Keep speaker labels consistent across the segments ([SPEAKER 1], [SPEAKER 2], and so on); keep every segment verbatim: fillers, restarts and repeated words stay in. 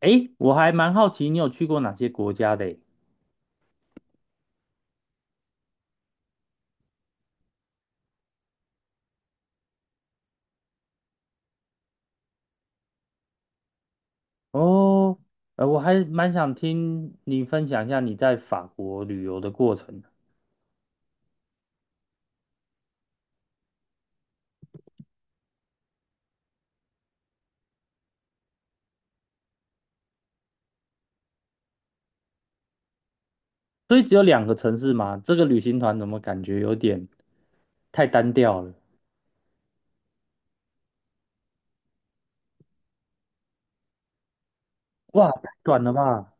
[SPEAKER 1] 诶，我还蛮好奇你有去过哪些国家的诶？哦，呃，我还蛮想听你分享一下你在法国旅游的过程。所以只有两个城市吗？这个旅行团怎么感觉有点太单调了？哇，太短了吧？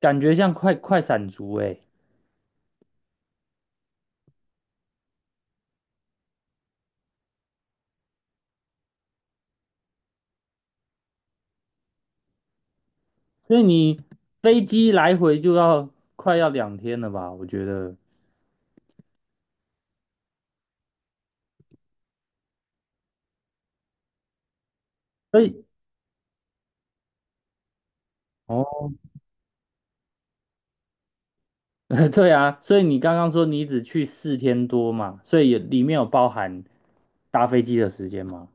[SPEAKER 1] 感觉像快快闪族诶。所以你飞机来回就要快要两天了吧？我觉得。所以哦，对啊，所以你刚刚说你只去四天多嘛，所以也里面有包含搭飞机的时间吗？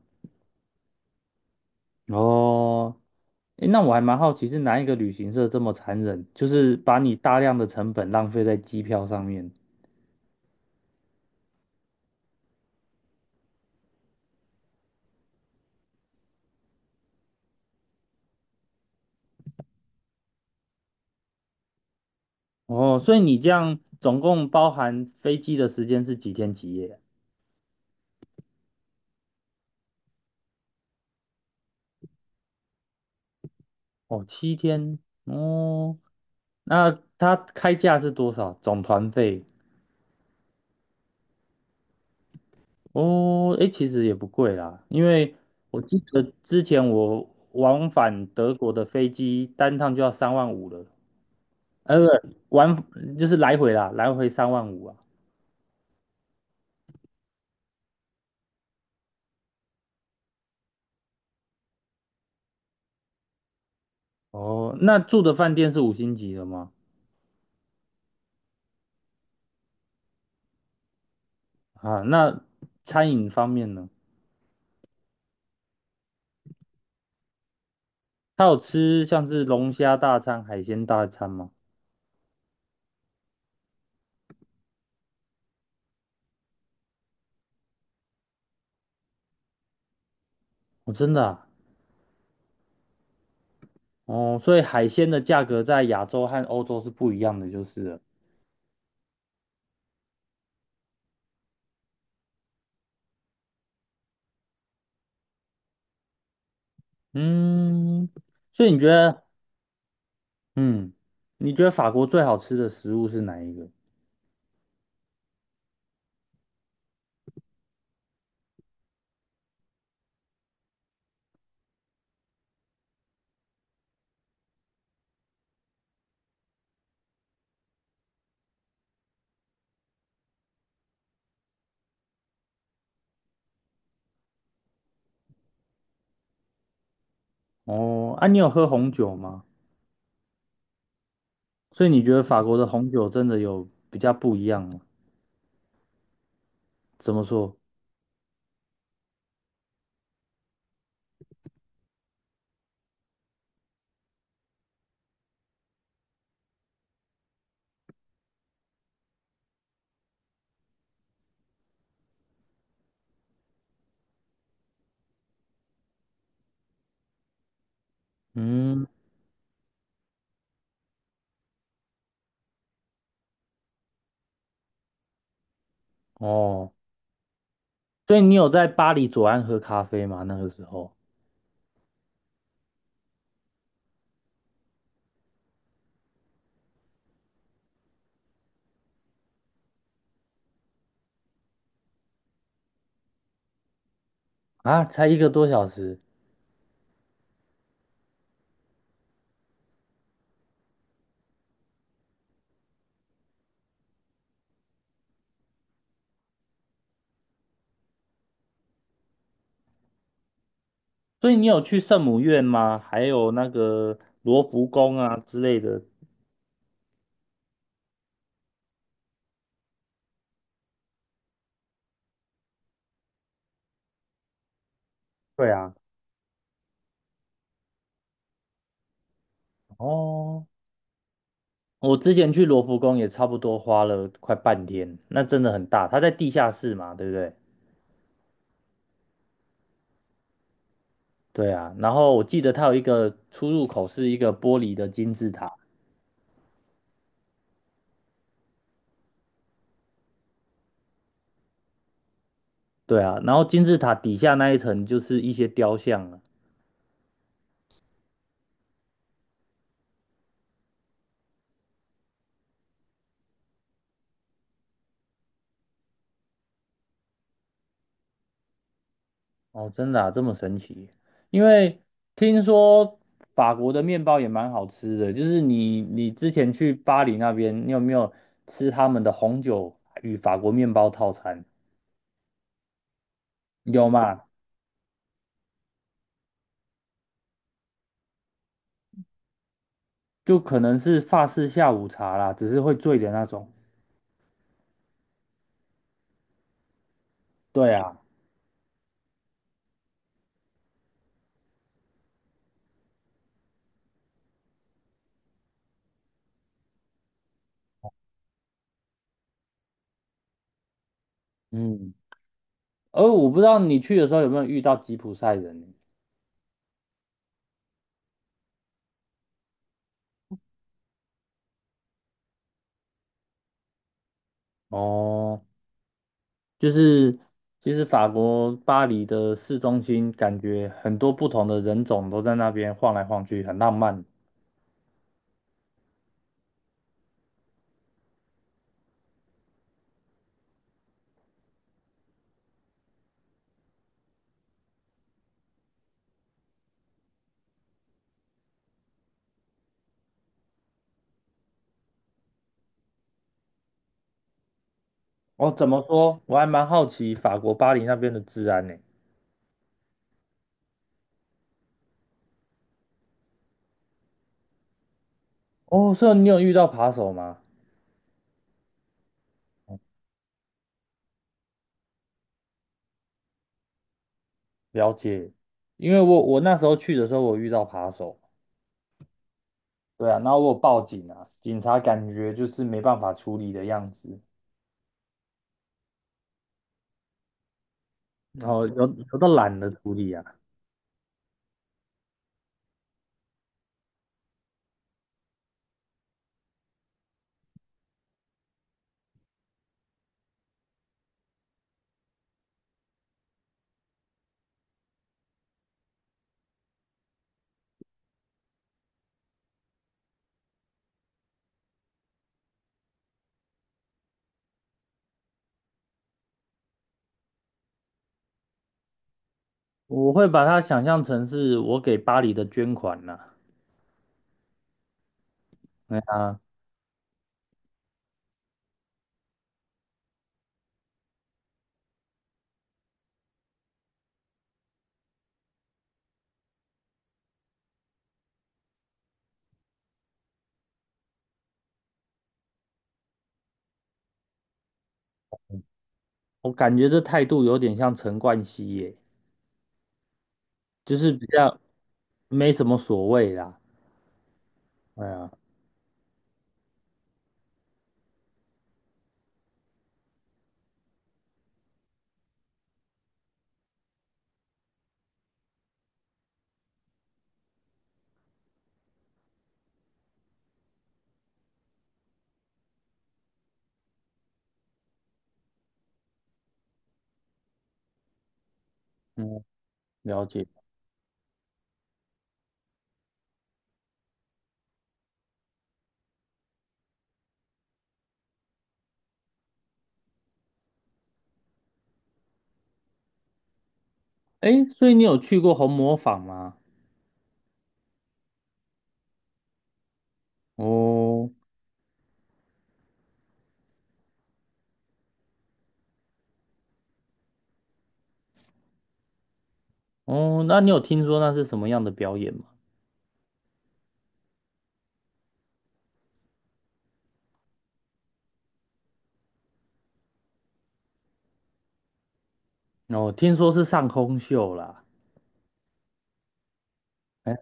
[SPEAKER 1] 哦，诶，那我还蛮好奇，是哪一个旅行社这么残忍，就是把你大量的成本浪费在机票上面？哦，所以你这样总共包含飞机的时间是几天几夜？哦，七天。哦，那它开价是多少？总团费？哦，诶，其实也不贵啦，因为我记得之前我往返德国的飞机单趟就要三万五了，呃，不，往就是来回啦，来回三万五啊。哦，那住的饭店是五星级的吗？啊，那餐饮方面呢？他有吃像是龙虾大餐、海鲜大餐吗？哦，真的啊。哦，所以海鲜的价格在亚洲和欧洲是不一样的，就是了。嗯，所以你觉得，嗯，你觉得法国最好吃的食物是哪一个？哦，啊，你有喝红酒吗？所以你觉得法国的红酒真的有比较不一样吗？怎么说？嗯，哦。所以你有在巴黎左岸喝咖啡吗？那个时候啊，才一个多小时。所以你有去圣母院吗？还有那个罗浮宫啊之类的。对啊，哦，我之前去罗浮宫也差不多花了快半天，那真的很大。它在地下室嘛，对不对？对啊，然后我记得它有一个出入口是一个玻璃的金字塔，对啊，然后金字塔底下那一层就是一些雕像了。哦，真的啊，这么神奇？因为听说法国的面包也蛮好吃的，就是你你之前去巴黎那边，你有没有吃他们的红酒与法国面包套餐？有嘛？就可能是法式下午茶啦，只是会醉的那种。对啊，嗯，而我不知道你去的时候有没有遇到吉普赛人。哦，就是其实法国巴黎的市中心，感觉很多不同的人种都在那边晃来晃去，很浪漫。哦，怎么说？我还蛮好奇法国巴黎那边的治安呢。哦，所以你有遇到扒手吗？了解，因为我我那时候去的时候，我遇到扒手。对啊，然后我有报警啊，警察感觉就是没办法处理的样子，然后有有的懒得处理啊。我会把它想象成是我给巴黎的捐款呐、对啊，我感觉这态度有点像陈冠希耶，就是比较没什么所谓啦。对啊，嗯，了解。诶，所以你有去过红磨坊吗？哦哦，那你有听说那是什么样的表演吗？哦，听说是上空秀啦。哎，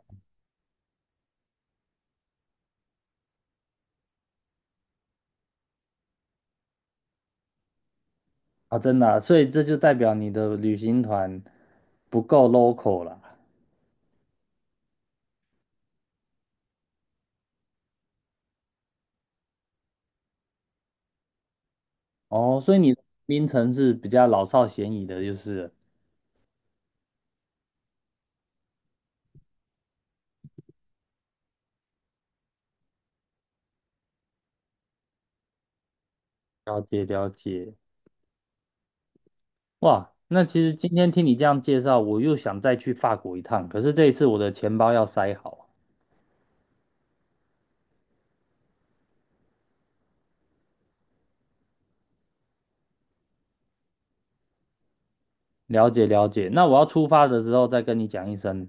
[SPEAKER 1] 啊，真的啊，所以这就代表你的旅行团不够 local 啦。哦，所以你的槟城是比较老少咸宜的，就是了。了解了解。哇，那其实今天听你这样介绍，我又想再去法国一趟，可是这一次我的钱包要塞好。了解了解，那我要出发的时候再跟你讲一声。